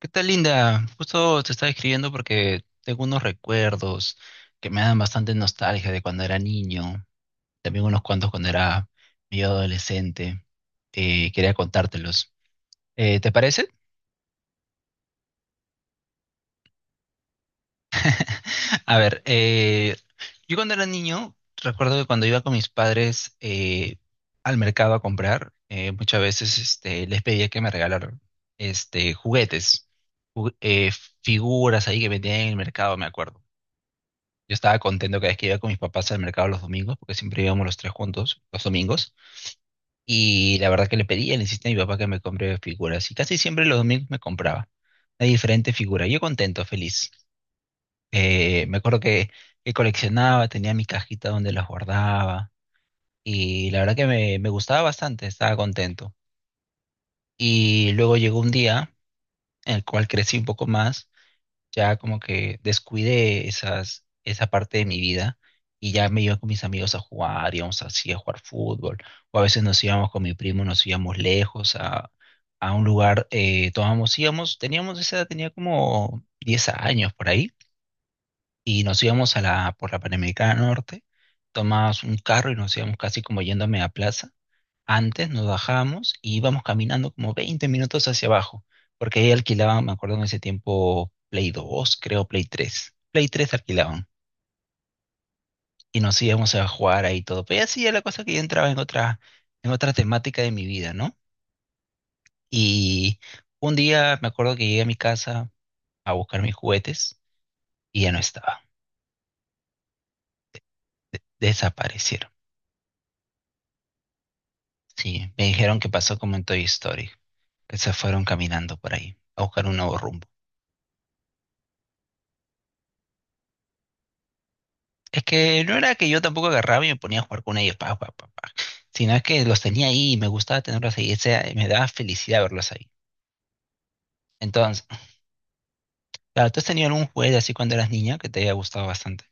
¿Qué tal, Linda? Justo te estaba escribiendo porque tengo unos recuerdos que me dan bastante nostalgia de cuando era niño, también unos cuantos cuando era medio adolescente. Quería contártelos. ¿Te parece? A ver, yo cuando era niño, recuerdo que cuando iba con mis padres al mercado a comprar, muchas veces les pedía que me regalaran juguetes, ju- eh, figuras ahí que vendían en el mercado, me acuerdo. Yo estaba contento cada vez que iba con mis papás al mercado los domingos, porque siempre íbamos los tres juntos los domingos. Y la verdad que le pedía, le insistía a mi papá que me compre figuras. Y casi siempre los domingos me compraba una diferente figura. Yo contento, feliz. Me acuerdo que coleccionaba, tenía mi cajita donde las guardaba. Y la verdad que me gustaba bastante, estaba contento. Y luego llegó un día en el cual crecí un poco más, ya como que descuidé esa parte de mi vida, y ya me iba con mis amigos a jugar, íbamos así a jugar fútbol, o a veces nos íbamos con mi primo, nos íbamos lejos a un lugar, tomábamos, íbamos, teníamos esa edad, tenía como 10 años por ahí, y nos íbamos a la, por la Panamericana Norte, tomábamos un carro y nos íbamos casi como yéndome a plaza, antes nos bajábamos y íbamos caminando como 20 minutos hacia abajo, porque ahí alquilaban, me acuerdo en ese tiempo, Play 2, creo Play 3. Play 3 alquilaban y nos íbamos a jugar ahí todo. Pero así era la cosa que yo entraba en otra temática de mi vida, ¿no? Y un día me acuerdo que llegué a mi casa a buscar mis juguetes y ya no estaban. Desaparecieron. Sí, me dijeron que pasó como en Toy Story, que se fueron caminando por ahí a buscar un nuevo rumbo. Es que no era que yo tampoco agarraba y me ponía a jugar con ellos, pa, pa, pa, pa, sino es que los tenía ahí y me gustaba tenerlos ahí, o sea, me daba felicidad verlos ahí. Entonces, claro, ¿tú has tenido algún juguete así cuando eras niña que te haya gustado bastante?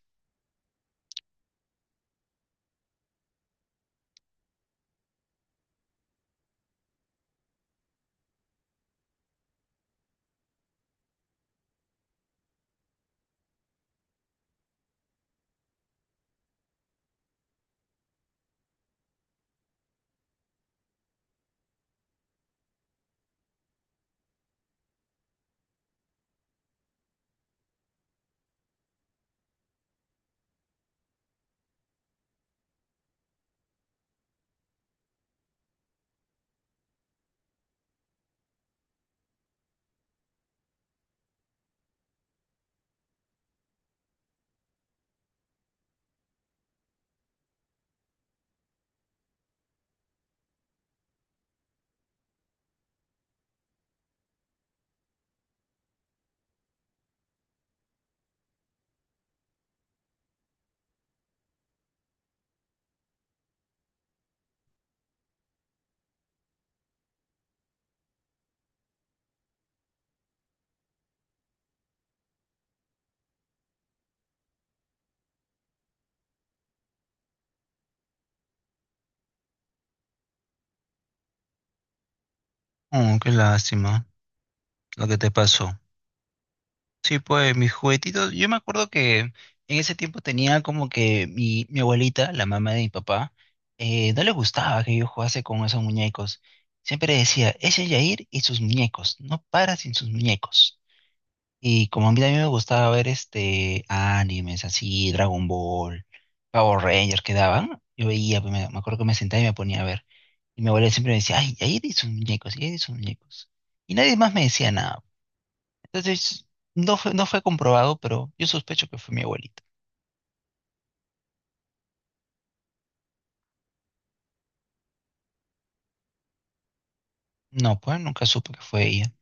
Oh, qué lástima lo que te pasó. Sí, pues mis juguetitos, yo me acuerdo que en ese tiempo tenía como que mi abuelita, la mamá de mi papá, no le gustaba que yo jugase con esos muñecos. Siempre decía, ese Yair y sus muñecos, no para sin sus muñecos. Y como a mí también me gustaba ver animes así, Dragon Ball, Power Rangers que daban, yo veía, pues, me acuerdo que me sentaba y me ponía a ver. Y mi abuela siempre me decía, ay, ahí hay sus muñecos, ahí hay sus muñecos. Y nadie más me decía nada. Entonces, no fue comprobado, pero yo sospecho que fue mi abuelita. No, pues nunca supe que fue ella.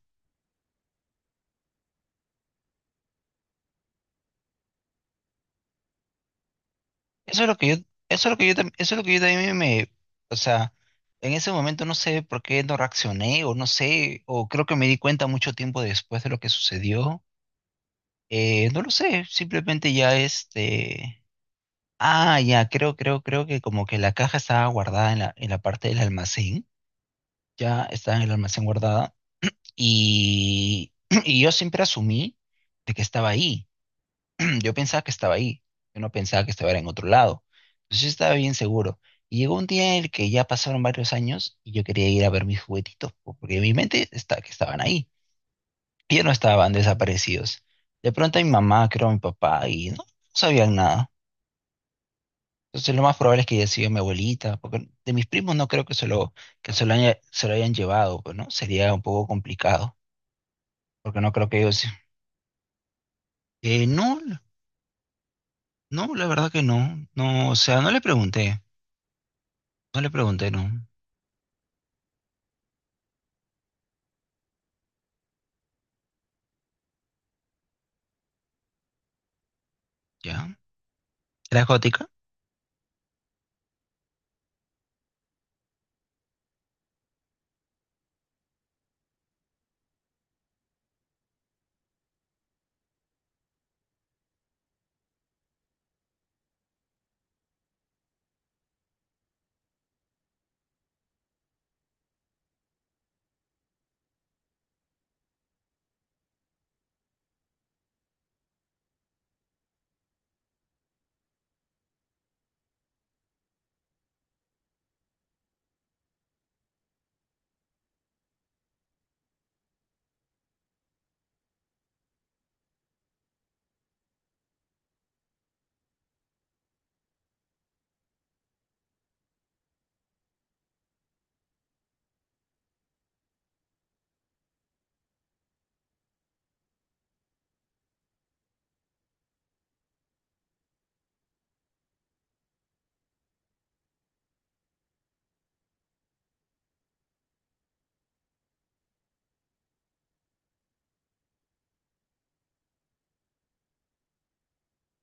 Eso es lo que yo, eso es lo que yo, tam- Eso es lo que yo también me, o sea, en ese momento no sé por qué no reaccioné, o no sé, o creo que me di cuenta mucho tiempo después de lo que sucedió. No lo sé, simplemente ya. Ah, ya, creo que como que la caja estaba guardada en la, parte del almacén, ya estaba en el almacén guardada, y, y yo siempre asumí de que estaba ahí, yo pensaba que estaba ahí, yo no pensaba que estaba en otro lado, entonces yo estaba bien seguro. Y llegó un día en el que ya pasaron varios años y yo quería ir a ver mis juguetitos, porque en mi mente está, que estaban ahí. Ellos no estaban desaparecidos. De pronto mi mamá, creo mi papá, y no sabían nada. Entonces lo más probable es que haya sido mi abuelita, porque de mis primos no creo que se lo, se lo hayan llevado, pues, ¿no? Sería un poco complicado, porque no creo que ellos... No, no, la verdad que no. No, o sea, no le pregunté. No le pregunté, no. ¿Ya? ¿Era gótica?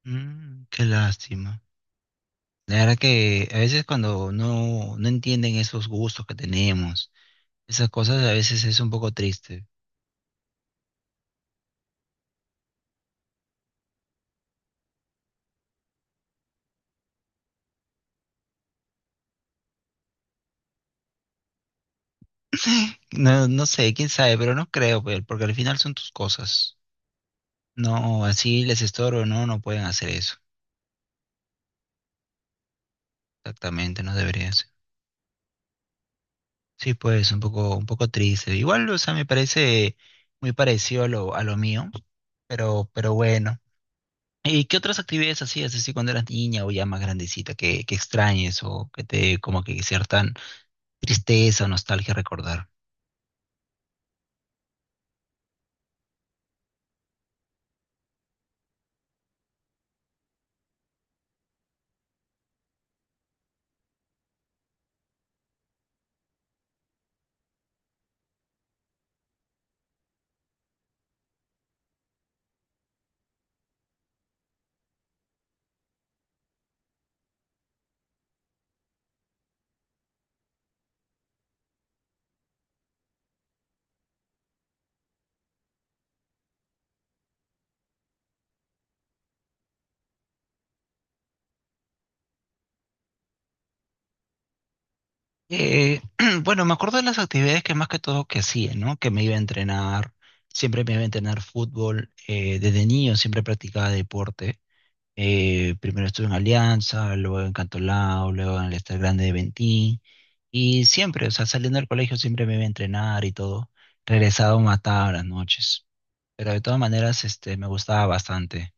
Mm, qué lástima. La verdad que a veces cuando no, no entienden esos gustos que tenemos, esas cosas a veces es un poco triste. No, no sé, quién sabe, pero no creo, porque al final son tus cosas. No, así les estorbo, no, no pueden hacer eso. Exactamente, no deberían ser. Sí, pues, un poco, triste. Igual, o sea, me parece muy parecido a lo, mío, pero bueno. ¿Y qué otras actividades hacías así cuando eras niña o ya más grandecita que extrañes o que te como que cierta tristeza o nostalgia recordar? Eh, bueno, me acuerdo de las actividades que más que todo que hacía, ¿no? Que me iba a entrenar, siempre me iba a entrenar fútbol, desde niño siempre practicaba deporte. Primero estuve en Alianza, luego en Cantolao, luego en el Estar Grande de Ventín, y siempre, o sea, saliendo del colegio siempre me iba a entrenar y todo. Regresaba mataba a las noches, pero de todas maneras, me gustaba bastante.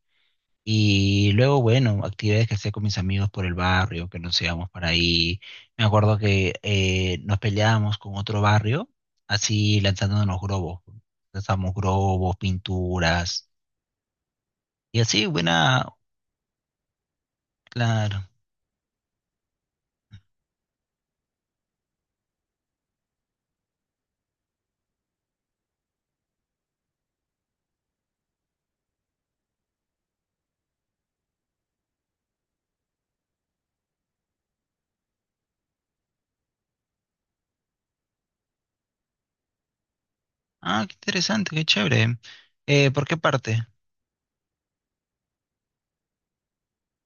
Y luego, bueno, actividades que hacía con mis amigos por el barrio, que nos íbamos para ahí. Me acuerdo que nos peleábamos con otro barrio, así lanzándonos globos. Lanzamos globos, pinturas, y así, buena, claro. Ah, qué interesante, qué chévere. ¿Por qué parte?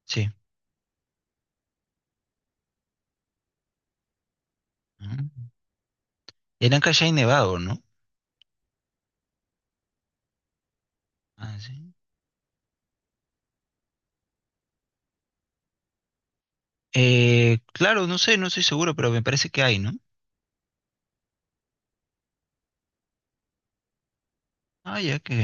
Sí. Ah, era en Callao y Nevado, ¿no? Ah, sí. Claro, no sé, no estoy seguro, pero me parece que hay, ¿no? Ah, ya, que.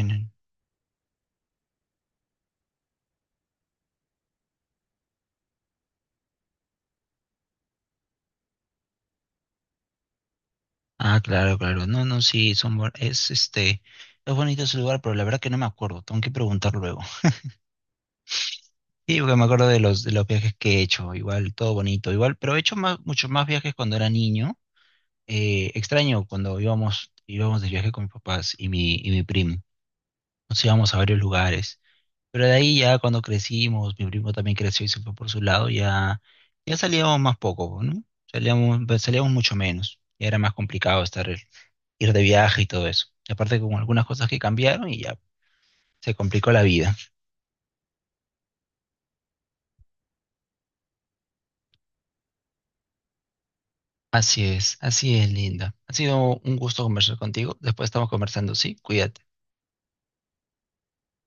Ah, claro, claro. No, no, sí, son, es bonito ese lugar, pero la verdad que no me acuerdo, tengo que preguntar luego. Sí, porque me acuerdo de los, viajes que he hecho, igual, todo bonito, igual, pero he hecho muchos más viajes cuando era niño. Extraño cuando íbamos de viaje con mis papás y y mi primo. Nos íbamos a varios lugares. Pero de ahí ya cuando crecimos, mi primo también creció y se fue por su lado, ya salíamos más poco, ¿no? Salíamos mucho menos. Ya era más complicado estar ir de viaje y todo eso. Y aparte con algunas cosas que cambiaron y ya se complicó la vida. Así es, Linda. Ha sido un gusto conversar contigo. Después estamos conversando, sí, cuídate.